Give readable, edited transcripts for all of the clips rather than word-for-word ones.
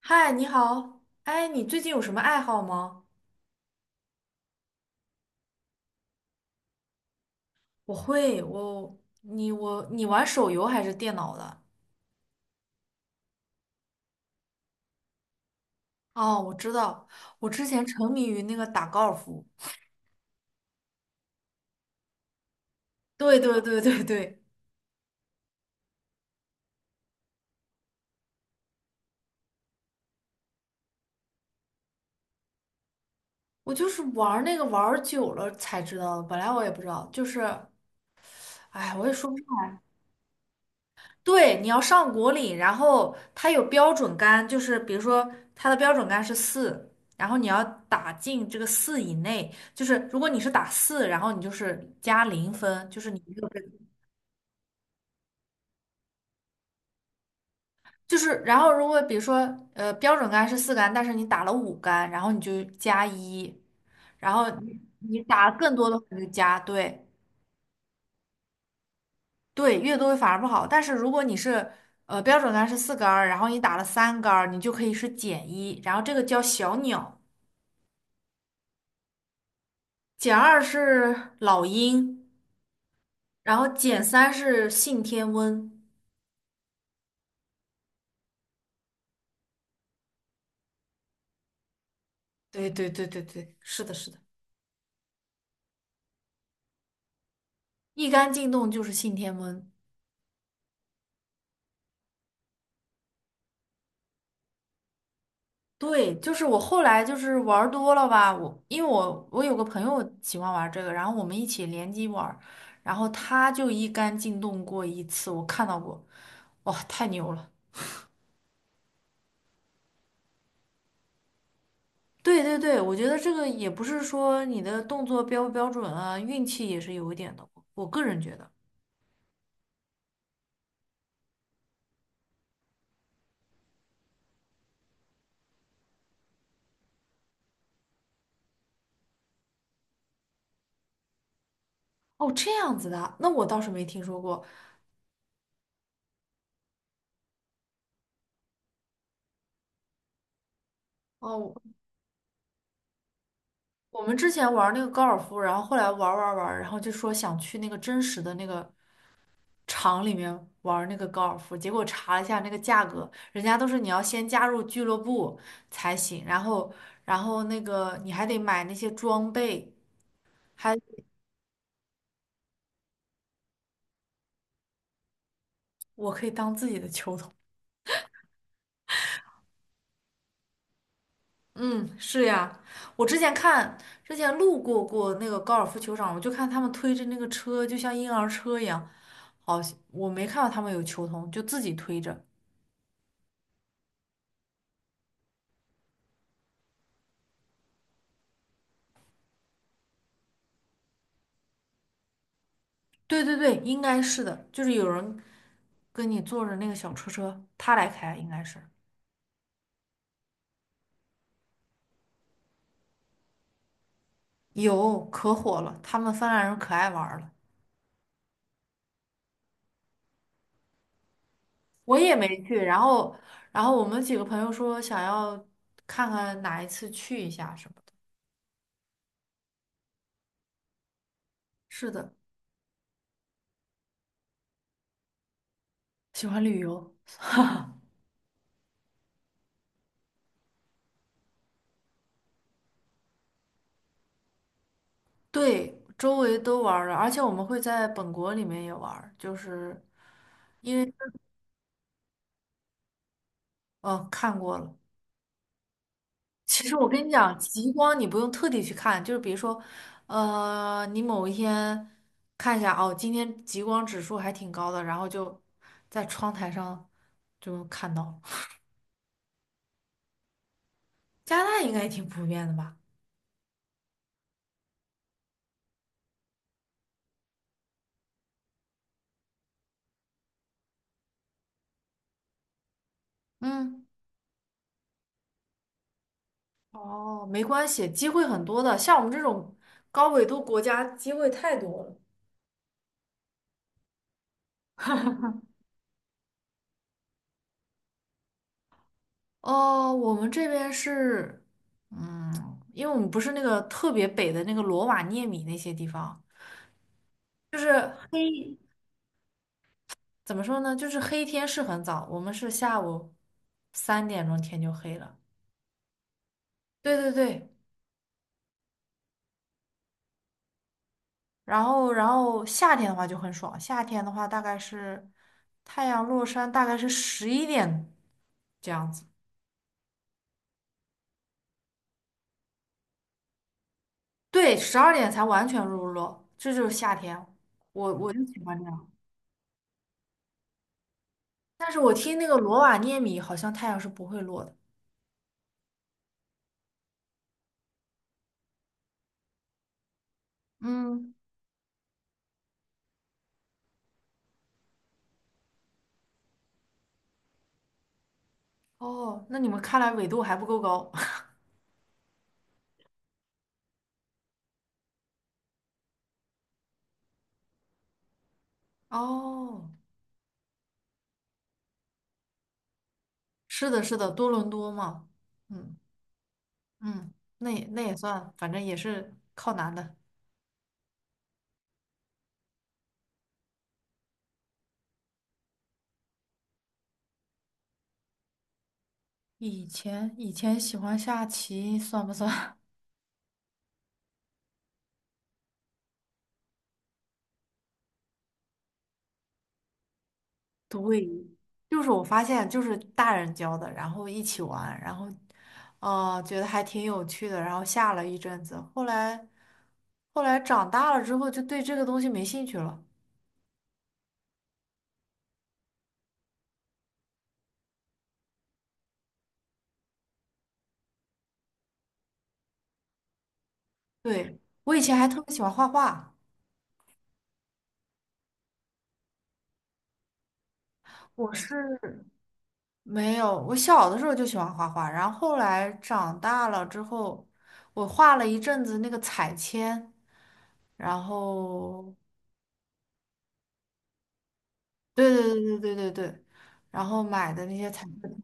嗨，你好。哎，你最近有什么爱好吗？我会，我你我你玩手游还是电脑的？哦，我知道，我之前沉迷于那个打高尔夫。对对对对对，我就是玩儿那个玩儿久了才知道的，本来我也不知道，就是，哎，我也说不对，你要上果岭，然后它有标准杆，就是比如说它的标准杆是四，然后你要打进这个四以内，就是如果你是打四，然后你就是加零分，就是你没有被就是，然后如果比如说标准杆是四杆，但是你打了五杆，然后你就加一，然后你打更多的话你就加，对对，越多反而不好，但是如果你是标准杆是四杆儿，然后你打了三杆儿，你就可以是减一，然后这个叫小鸟。减二是老鹰，然后减三是信天翁。对对对对对，是的，是的，一杆进洞就是信天翁。对，就是我后来就是玩儿多了吧，因为我有个朋友喜欢玩儿这个，然后我们一起联机玩儿，然后他就一杆进洞过一次，我看到过，哇，太牛了！对对对，我觉得这个也不是说你的动作标不标准啊，运气也是有一点的，我个人觉得。哦，这样子的，那我倒是没听说过。哦，我们之前玩那个高尔夫，然后后来玩然后就说想去那个真实的那个场里面玩那个高尔夫，结果查了一下那个价格，人家都是你要先加入俱乐部才行，然后那个你还得买那些装备，还我可以当自己的球童。嗯，是呀，我之前看之前路过过那个高尔夫球场，我就看他们推着那个车，就像婴儿车一样，好，我没看到他们有球童，就自己推着。对对对，应该是的，就是有人跟你坐着那个小车车，他来开，应该是有可火了，他们芬兰人可爱玩儿了，我也没去，然后我们几个朋友说想要看看哪一次去一下什么的，是的，喜欢旅游，对，周围都玩儿了，而且我们会在本国里面也玩儿，就是因为看过了。其实我跟你讲，极光你不用特地去看，就是比如说，你某一天看一下，哦，今天极光指数还挺高的，然后就在窗台上就看到。加拿大应该也挺普遍的吧？嗯，哦，没关系，机会很多的，像我们这种高纬度国家，机会太多了。哦，我们这边是，嗯，因为我们不是那个特别北的那个罗瓦涅米那些地方，就是黑。怎么说呢？就是黑天是很早，我们是下午3点钟天就黑了。对对对，然后夏天的话就很爽，夏天的话大概是太阳落山，大概是11点这样子，对，12点才完全入落，这就是夏天。我就喜欢这样，但是我听那个罗瓦涅米好像太阳是不会落的。嗯，哦，那你们看来纬度还不够高。哦，是的，是的，多伦多嘛。嗯。嗯，那也算，反正也是靠男的。以前喜欢下棋，算不算？对，就是我发现，就是大人教的，然后一起玩，然后，觉得还挺有趣的，然后下了一阵子，后来，后来长大了之后，就对这个东西没兴趣了。对，我以前还特别喜欢画画，我是没有，我小的时候就喜欢画画，然后后来长大了之后，我画了一阵子那个彩铅。然后对对对对对对对，然后买的那些彩色笔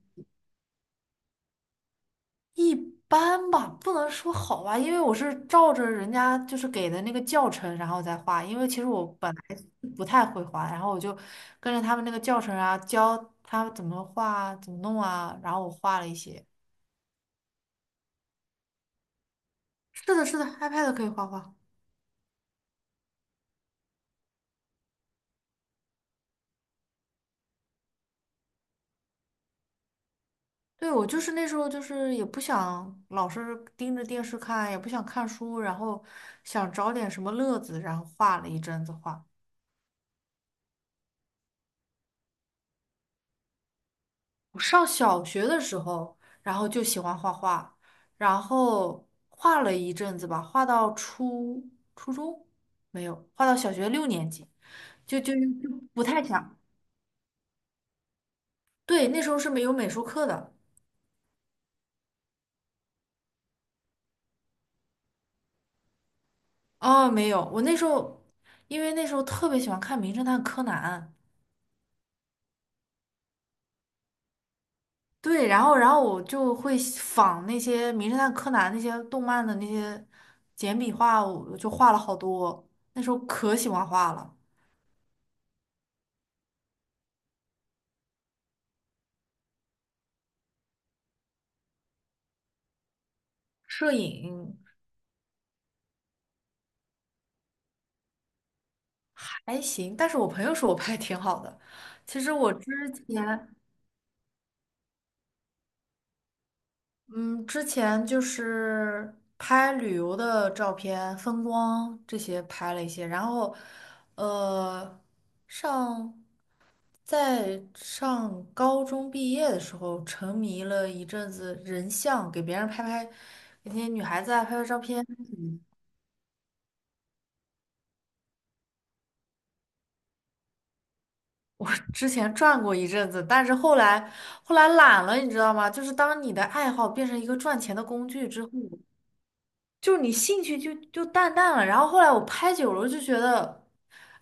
一般吧，不能说好吧，因为我是照着人家就是给的那个教程，然后再画，因为其实我本来不太会画，然后我就跟着他们那个教程啊，教他怎么画、怎么弄啊，然后我画了一些。是的，是的，iPad 可以画画。对，我就是那时候就是也不想老是盯着电视看，也不想看书，然后想找点什么乐子，然后画了一阵子画。我上小学的时候，然后就喜欢画画，然后画了一阵子吧，画到初中没有，画到小学6年级，就不太想。对，那时候是没有美术课的。哦，没有，我那时候因为那时候特别喜欢看《名侦探柯南》，对，然后我就会仿那些《名侦探柯南》那些动漫的那些简笔画，我就画了好多。那时候可喜欢画了，摄影。还行，但是我朋友说我拍的挺好的。其实我之前，嗯，之前就是拍旅游的照片、风光这些拍了一些，然后，呃，上在上高中毕业的时候，沉迷了一阵子人像，给别人拍拍，给那些女孩子啊拍拍照片。我之前转过一阵子，但是后来后来懒了，你知道吗？就是当你的爱好变成一个赚钱的工具之后，就是你兴趣就淡淡了。然后后来我拍久了，就觉得，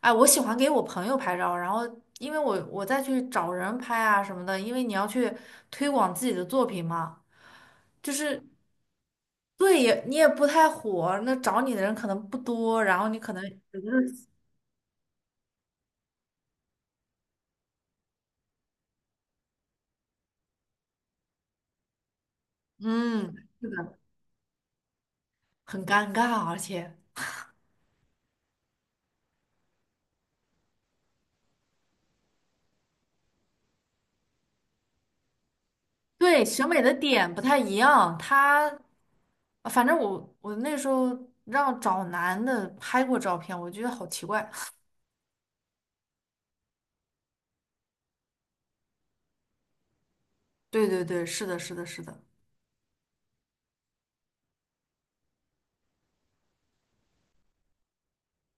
哎，我喜欢给我朋友拍照，然后因为我再去找人拍啊什么的，因为你要去推广自己的作品嘛，就是对也你也不太火，那找你的人可能不多，然后你可能嗯很尴尬，而且。对，审美的点不太一样。他反正我那时候让找男的拍过照片，我觉得好奇怪。对对对，是的，是的，是的，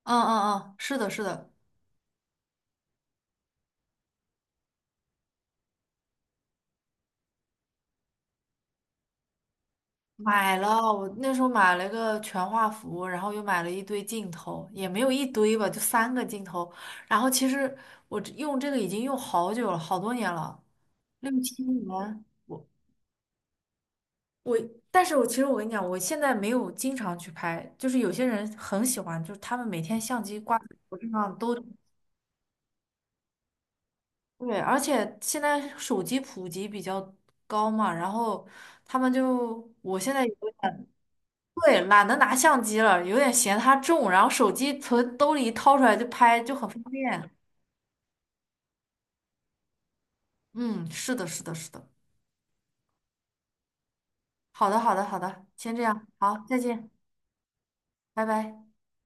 嗯嗯嗯，是的，是的。买了，我那时候买了一个全画幅，然后又买了一堆镜头，也没有一堆吧，就3个镜头。然后其实我这用这个已经用好久了，好多年了，6、7年。我，但是其实我跟你讲，我现在没有经常去拍，就是有些人很喜欢，就是他们每天相机挂在脖子上都对，而且现在手机普及比较高嘛，然后他们就我现在有点对懒得拿相机了，有点嫌它重，然后手机从兜里一掏出来就拍，就很方便。嗯，是的，是的，是的。好的，好的，好的，先这样，好，再见，拜拜。